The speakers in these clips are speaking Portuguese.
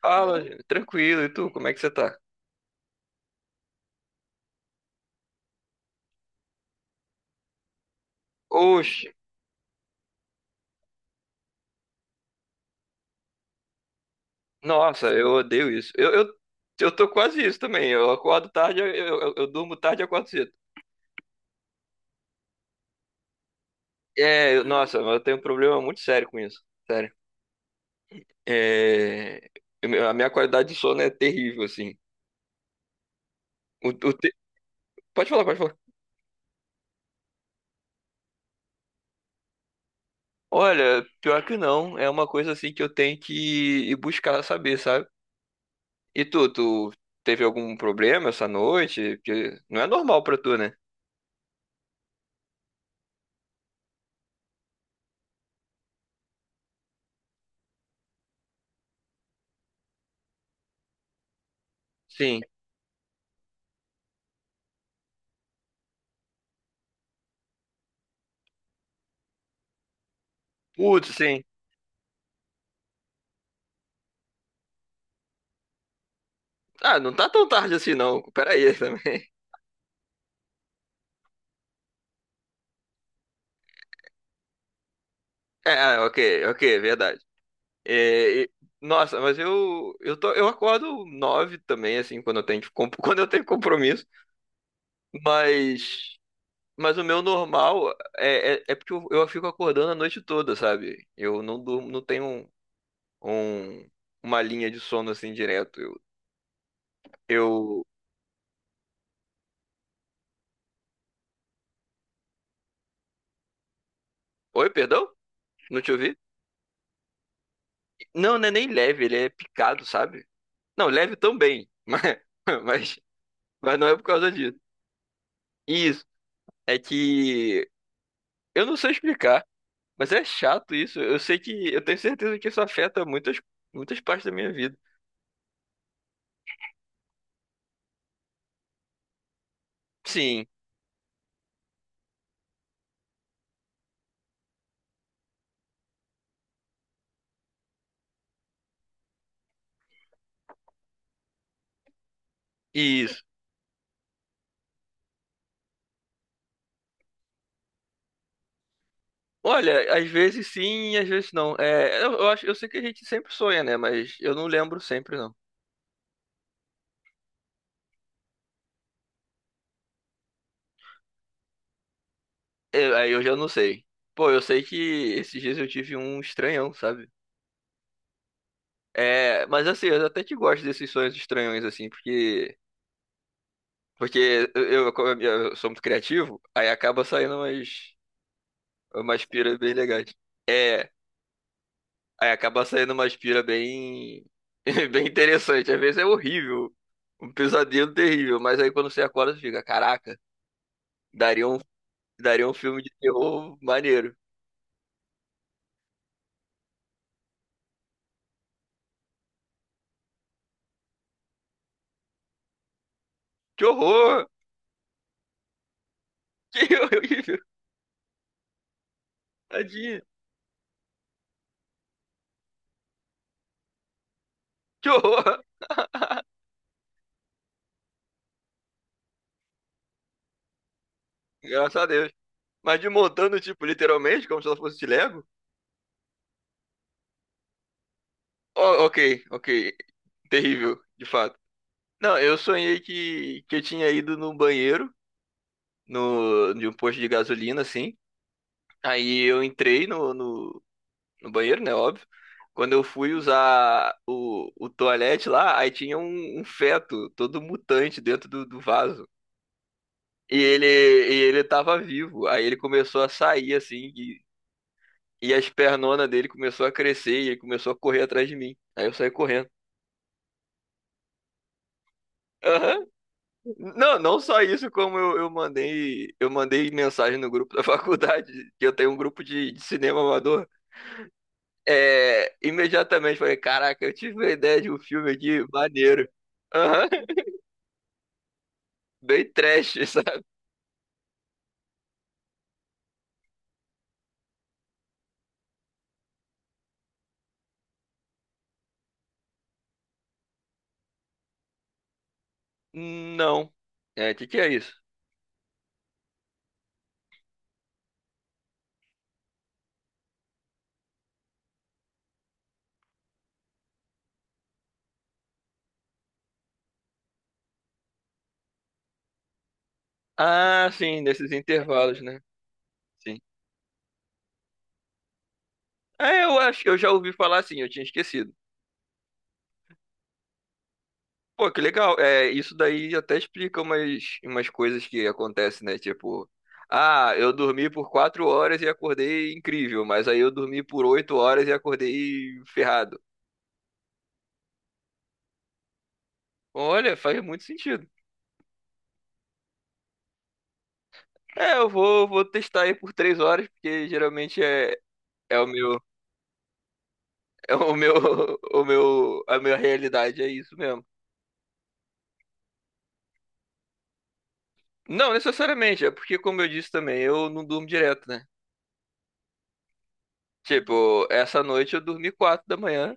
Fala, gente. Tranquilo. E tu, como é que você tá? Oxe, nossa, eu odeio isso. Eu tô quase isso também. Eu acordo tarde, eu durmo tarde e acordo cedo. Nossa, mas eu tenho um problema muito sério com isso. Sério. É, a minha qualidade de sono é terrível, assim. O, o te- Pode falar, pode falar. Olha, pior que não. É uma coisa assim que eu tenho que ir buscar saber, sabe? E tu teve algum problema essa noite? Porque não é normal pra tu, né? Sim. Putz, sim. Ah, não tá tão tarde assim, não. Pera aí também. É, ah, ok, ok, é verdade. É, e- Nossa, mas eu acordo nove também, assim, quando eu tenho, quando eu tenho compromisso. Mas, mas o meu normal é porque eu fico acordando a noite toda, sabe? Eu não durmo, não tenho um, um- uma linha de sono assim direto. Eu... Oi, perdão? Não te ouvi? Não, não é nem leve, ele é picado, sabe? Não, leve também, mas, mas não é por causa disso. Isso. É que eu não sei explicar, mas é chato isso. Eu sei que eu tenho certeza que isso afeta muitas muitas partes da minha vida. Sim, isso. Olha, às vezes sim, às vezes não. É, eu acho, eu sei que a gente sempre sonha, né? Mas eu não lembro sempre não. Aí eu já não sei. Pô, eu sei que esses dias eu tive um estranhão, sabe? É, mas assim, eu até que gosto desses sonhos estranhões assim, porque como eu sou muito criativo, aí acaba saindo umas piras bem legais. É, aí acaba saindo uma aspira bem, bem interessante. Às vezes é horrível, um pesadelo terrível, mas aí quando você acorda, você fica, caraca, daria um, daria um filme de terror maneiro. Que horror! Que horrível! Tadinho! Que horror! Graças a Deus. Mas de montando, tipo, literalmente, como se ela fosse de Lego? Ó, ok, ok. Terrível, de fato. Não, eu sonhei que eu tinha ido no banheiro, no, de um posto de gasolina, assim. Aí eu entrei no banheiro, né? Óbvio. Quando eu fui usar o toalete lá, aí tinha um feto todo mutante dentro do vaso. E ele tava vivo. Aí ele começou a sair assim, e as pernonas dele começou a crescer e ele começou a correr atrás de mim. Aí eu saí correndo. Aham. Não, não só isso, como eu mandei mensagem no grupo da faculdade, que eu tenho um grupo de cinema amador. É, imediatamente falei, caraca, eu tive uma ideia de um filme aqui, maneiro. Aham, bem trash, sabe? Não. É, o que que é isso? Ah, sim, nesses intervalos, né? Sim. É, eu acho que eu já ouvi falar assim, eu tinha esquecido. Pô, que legal. É, isso daí até explica umas coisas que acontecem, né? Tipo, ah, eu dormi por 4 horas e acordei incrível, mas aí eu dormi por 8 horas e acordei ferrado. Olha, faz muito sentido. É, eu vou testar aí por 3 horas, porque geralmente é o meu, é o meu, o meu, a minha realidade, é isso mesmo. Não, necessariamente, é porque, como eu disse também, eu não durmo direto, né? Tipo, essa noite eu dormi 4 da manhã,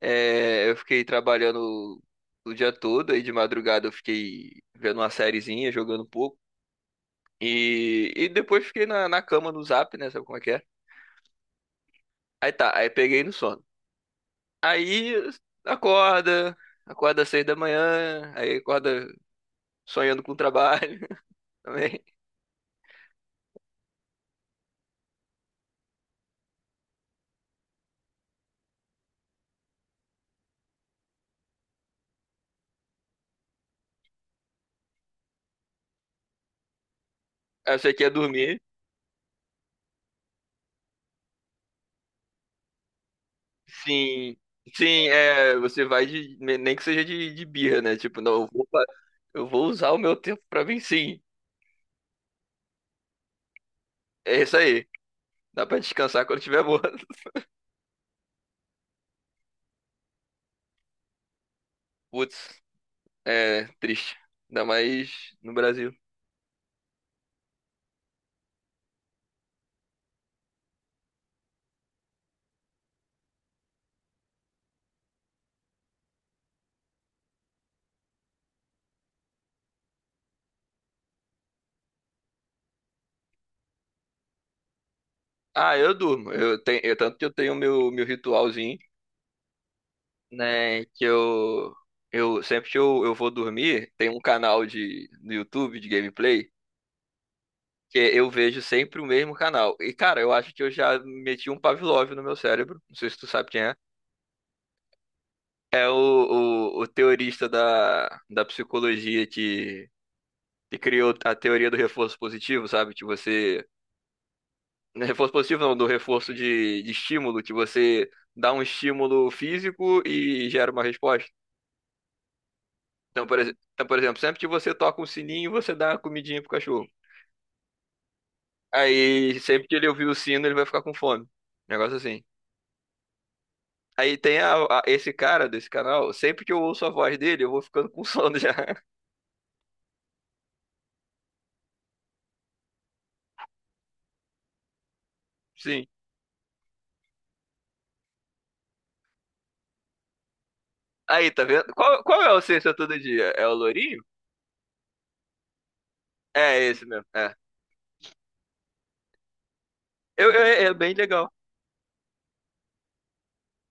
é, eu fiquei trabalhando o dia todo, aí de madrugada eu fiquei vendo uma sériezinha, jogando um pouco, e depois fiquei na cama no zap, né? Sabe como é que é? Aí tá, aí peguei no sono. Aí acorda, acorda às 6 da manhã, aí acorda sonhando com o trabalho também. Aí você quer dormir. Sim, sim, é, você vai nem que seja de birra, né? Tipo, não, eu vou usar o meu tempo pra mim, sim. É isso aí. Dá pra descansar quando tiver morto. Putz, é triste. Ainda mais no Brasil. Ah, eu durmo. Tanto que eu tenho meu ritualzinho. Né, que eu, eu sempre que eu vou dormir, tem um canal no YouTube de gameplay que é eu vejo sempre o mesmo canal. E, cara, eu acho que eu já meti um Pavlov no meu cérebro. Não sei se tu sabe quem é. É o teorista da psicologia que criou a teoria do reforço positivo, sabe? Que você. Não é reforço positivo não, do reforço de estímulo, que você dá um estímulo físico e gera uma resposta. Então, por exemplo, sempre que você toca um sininho, você dá uma comidinha pro cachorro. Aí, sempre que ele ouvir o sino, ele vai ficar com fome. Negócio assim. Aí esse cara desse canal, sempre que eu ouço a voz dele, eu vou ficando com sono já. Sim. Aí, tá vendo? Qual é o Ciência Todo Dia? É o Lourinho? É esse mesmo. É. É bem legal.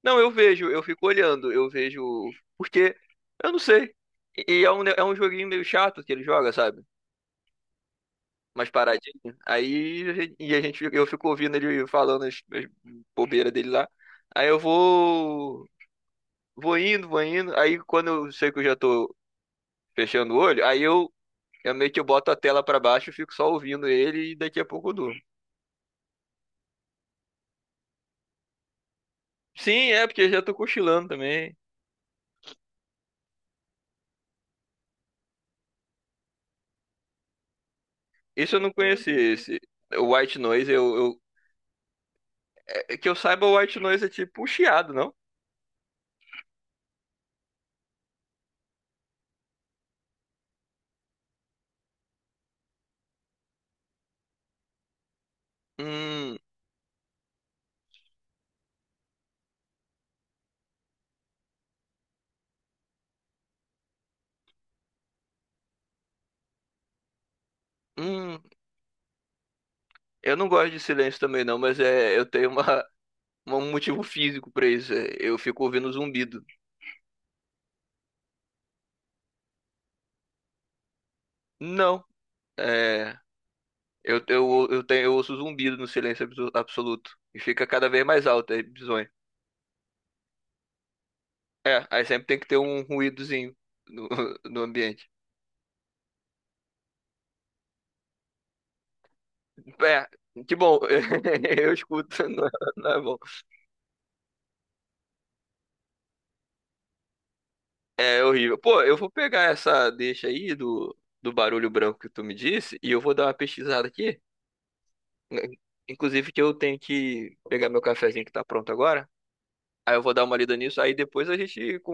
Não, eu vejo, eu fico olhando, eu vejo. Porque, eu não sei. E é um joguinho meio chato que ele joga, sabe? Mais paradinho. Aí e a gente, eu fico ouvindo ele falando as bobeiras dele lá. Aí eu vou indo, vou indo. Aí quando eu sei que eu já tô fechando o olho, aí eu meio que eu boto a tela pra baixo, e fico só ouvindo ele e daqui a pouco eu durmo. Sim, é porque eu já tô cochilando também. Isso eu não conheci, esse o White Noise. É que eu saiba, o White Noise é tipo um chiado, não? Hum. Hum. Eu não gosto de silêncio também não, mas é, eu tenho uma um motivo físico pra isso. É, eu fico ouvindo zumbido. Não, é, eu ouço zumbido no silêncio absoluto. E fica cada vez mais alto, é bizonho. É, aí sempre tem que ter um ruídozinho no, no ambiente. É, que bom, eu escuto, não é bom. É horrível. Pô, eu vou pegar essa deixa aí do barulho branco que tu me disse e eu vou dar uma pesquisada aqui. Inclusive que eu tenho que pegar meu cafezinho que tá pronto agora. Aí eu vou dar uma lida nisso, aí depois a gente con-